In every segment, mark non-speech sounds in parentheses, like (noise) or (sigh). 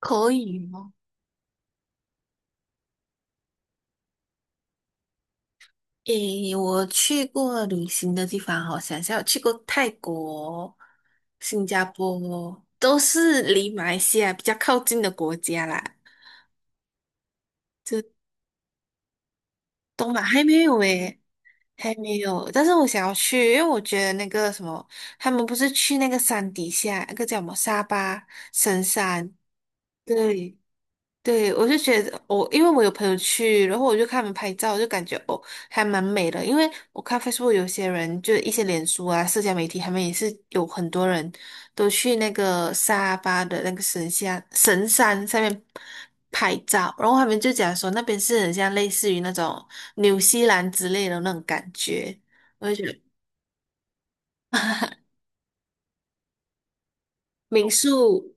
可以吗？诶，我去过旅行的地方哦，好想一下，我去过泰国、新加坡，都是离马来西亚比较靠近的国家啦。就东马还没有诶，还没有。但是我想要去，因为我觉得那个什么，他们不是去那个山底下，那个叫什么沙巴神山，对，对，我就觉得因为我有朋友去，然后我就看他们拍照，就感觉哦还蛮美的。因为我看 Facebook 有些人，就一些脸书啊、社交媒体，他们也是有很多人都去那个沙巴的那个神山上面拍照，然后他们就讲说那边是很像类似于那种纽西兰之类的那种感觉，我就觉得 (laughs) 民宿。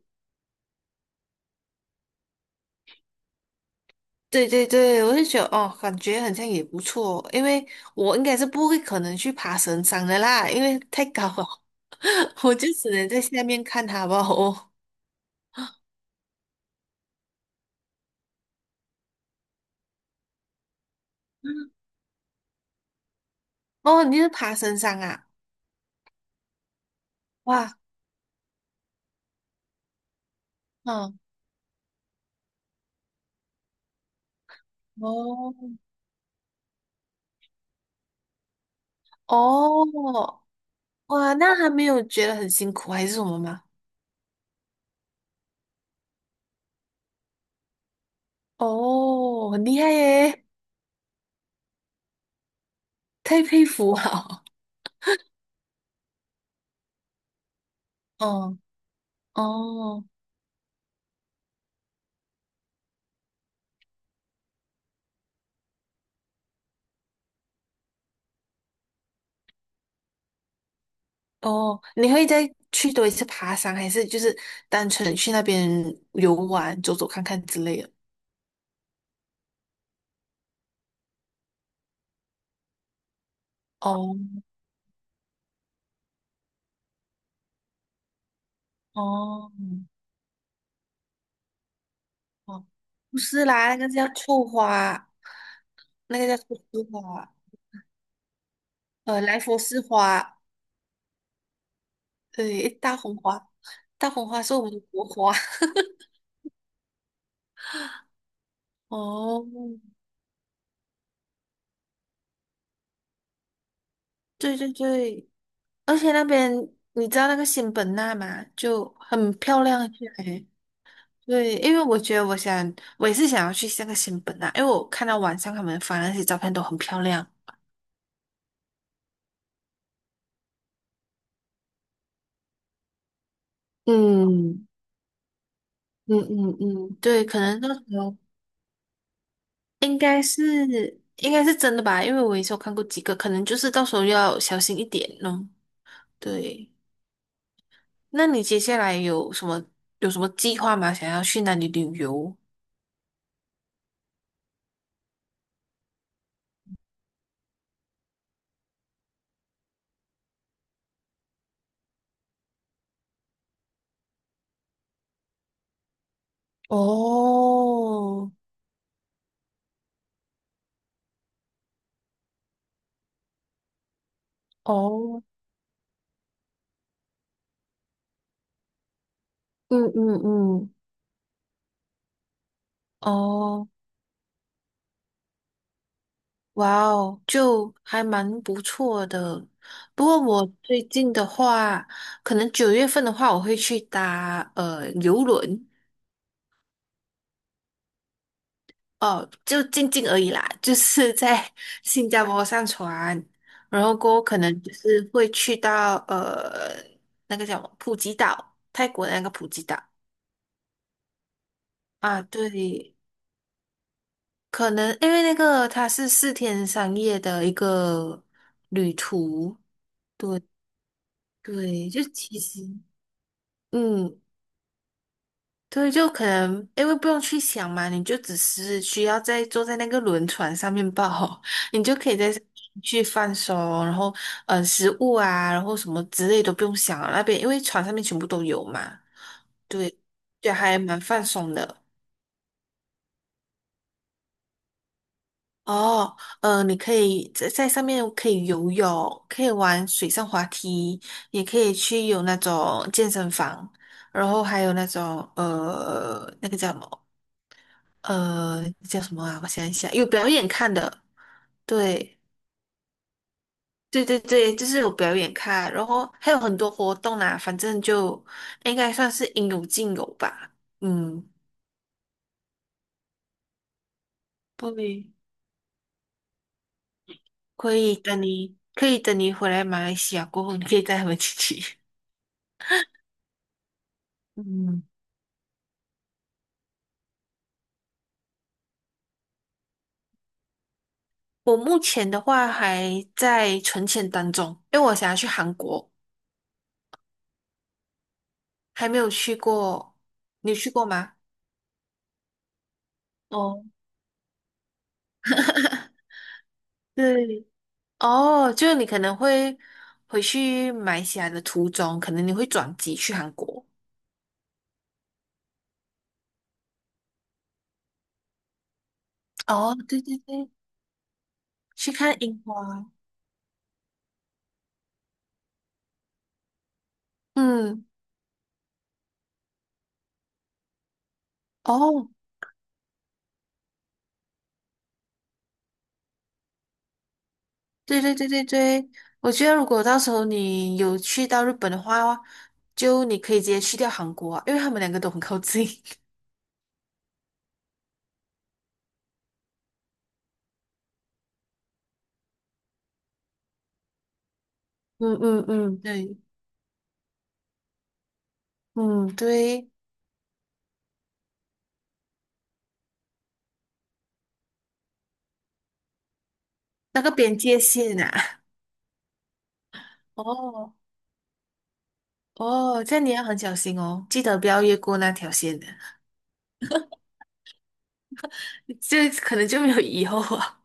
对对对，我就觉得哦，感觉好像也不错，因为我应该是不会可能去爬神山的啦，因为太高了，(laughs) 我就只能在下面看它吧。(laughs) 哦，哦，你是爬神山啊？哇，嗯，哦，哦，哇，那还没有觉得很辛苦还是什么吗？哦，很厉害耶，太佩服了。(laughs) 嗯，哦。哦，你会再去多一次爬山，还是就是单纯去那边游玩、走走看看之类的？哦哦哦，不是啦，那个叫臭花，那个叫臭丝花，呃，莱佛士花，对，大红花，大红花是我们的国花。(laughs) 哦，对对对，而且那边你知道那个仙本那吗？就很漂亮，诶。对，因为我觉得我想，我也是想要去那个新本啊，因为我看到网上他们发那些照片都很漂亮。嗯嗯嗯嗯，对，可能到时候应该是应该是真的吧，因为我也是有看过几个，可能就是到时候要小心一点咯。对，那你接下来有什么计划吗？想要去哪里旅游？哦哦，嗯嗯嗯，哦。哇哦，就还蛮不错的。不过我最近的话，可能9月份的话，我会去搭游轮哦，就静静而已啦，(laughs) 就是在 (laughs) 新加坡上船，然后过后可能就是会去到那个叫什么普吉岛，泰国的那个普吉岛啊，对，可能因为那个它是4天3夜的一个旅途，对对，就其实。嗯，对，就可能因为不用去想嘛，你就只是需要在坐在那个轮船上面抱好，(laughs) 你就可以在上面去放松，然后食物啊，然后什么之类都不用想了那边因为船上面全部都有嘛，对，就还蛮放松的。哦，嗯，你可以在在上面可以游泳，可以玩水上滑梯，也可以去有那种健身房，然后还有那种那个叫什么？叫什么啊？我想一想，有表演看的，对，对对对，就是有表演看，然后还有很多活动啦，反正就应该算是应有尽有吧。嗯，对，可以等你回来马来西亚过后，你可以带他们去去。(laughs) 嗯，我目前的话还在存钱当中，因为我想要去韩国，还没有去过。你有去过吗？哦，对，哦，就是你可能会回去买起来西亚的途中，可能你会转机去韩国。哦，对对对，去看樱花。嗯，哦，对对对对对，我觉得如果到时候你有去到日本的话，就你可以直接去掉韩国啊，因为他们两个都很靠近。(laughs) 嗯嗯嗯，对，嗯对，那个边界线啊。(laughs) 哦哦，这样你要很小心哦，记得不要越过那条线的，(laughs) 这可能就没有以后啊。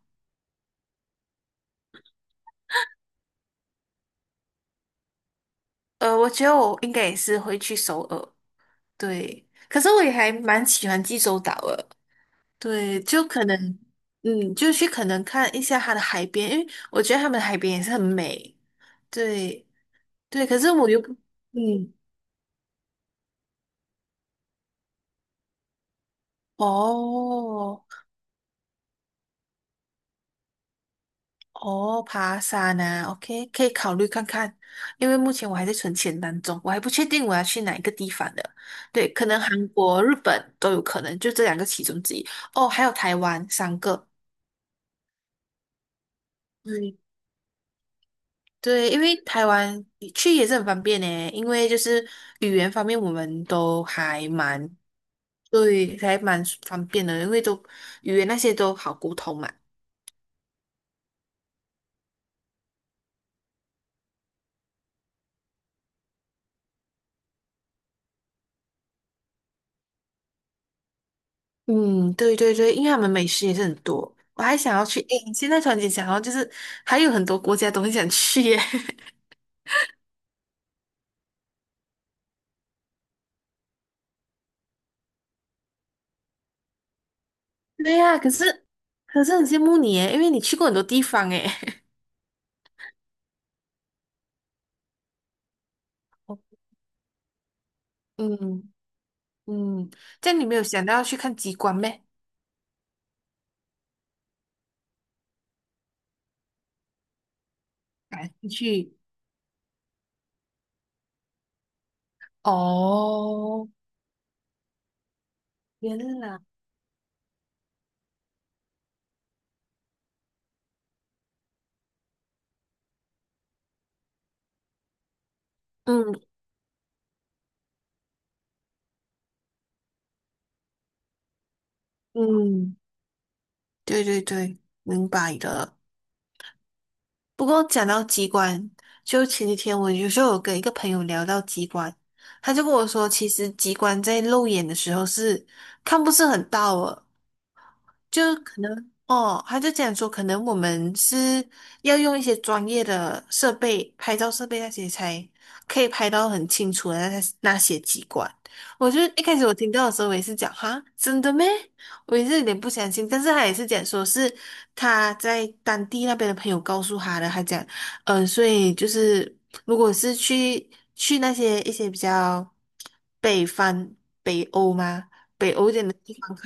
我觉得我应该也是会去首尔，对。可是我也还蛮喜欢济州岛的，对，就可能，就去可能看一下它的海边，因为我觉得他们的海边也是很美，对对。可是我又不，嗯，哦哦，爬山啊，OK,可以考虑看看，因为目前我还在存钱当中，我还不确定我要去哪一个地方的，对，可能韩国、日本都有可能，就这两个其中之一。哦，还有台湾三个。对对，因为台湾去也是很方便呢，因为就是语言方面我们都还蛮，对，还蛮方便的，因为都语言那些都好沟通嘛。嗯，对对对，因为他们美食也是很多，我还想要去，诶，现在突然间想到就是还有很多国家都很想去耶。(laughs) 对呀，可是可是很羡慕你耶，因为你去过很多地方耶。(laughs) 嗯嗯，这样你没有想到要去看极光咩？感兴趣哦，原来。嗯嗯，对对对，明白的。不过讲到机关，就前几天我有时候有跟一个朋友聊到机关，他就跟我说，其实机关在肉眼的时候是看不是很到的，就可能哦，他就讲说，可能我们是要用一些专业的设备，拍照设备那些才可以拍到很清楚的那些机关。我就一开始我听到的时候，我也是讲哈，真的咩？我也是有点不相信，但是他也是讲说是他在当地那边的朋友告诉他的，他讲，所以就是如果是去那些一些比较北方北欧吗？北欧一点的地方。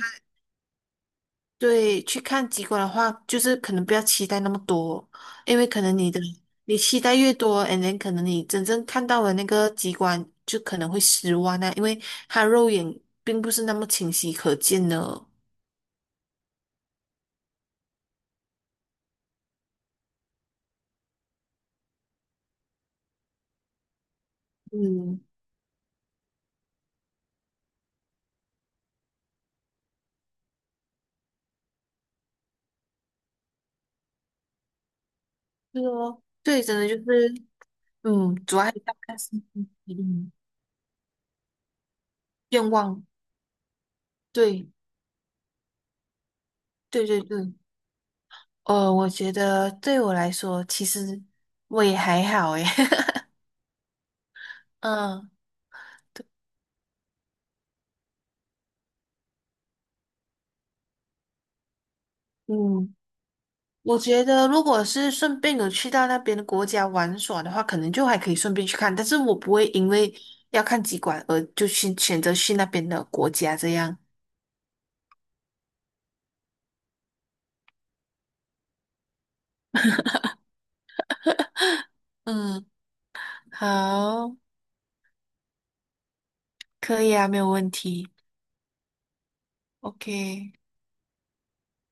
对，去看极光的话，就是可能不要期待那么多，因为可能你期待越多 a n 可能你真正看到的那个极光就可能会失望啊，因为它肉眼并不是那么清晰可见的。嗯，对哦，对，真的就是主要概是嗯愿望。对，对对对，我觉得对我来说，其实我也还好诶。(laughs) 嗯嗯。我觉得，如果是顺便有去到那边的国家玩耍的话，可能就还可以顺便去看，但是我不会因为要看极光而就去选择去那边的国家这样。嗯，好，可以啊，没有问题。OK。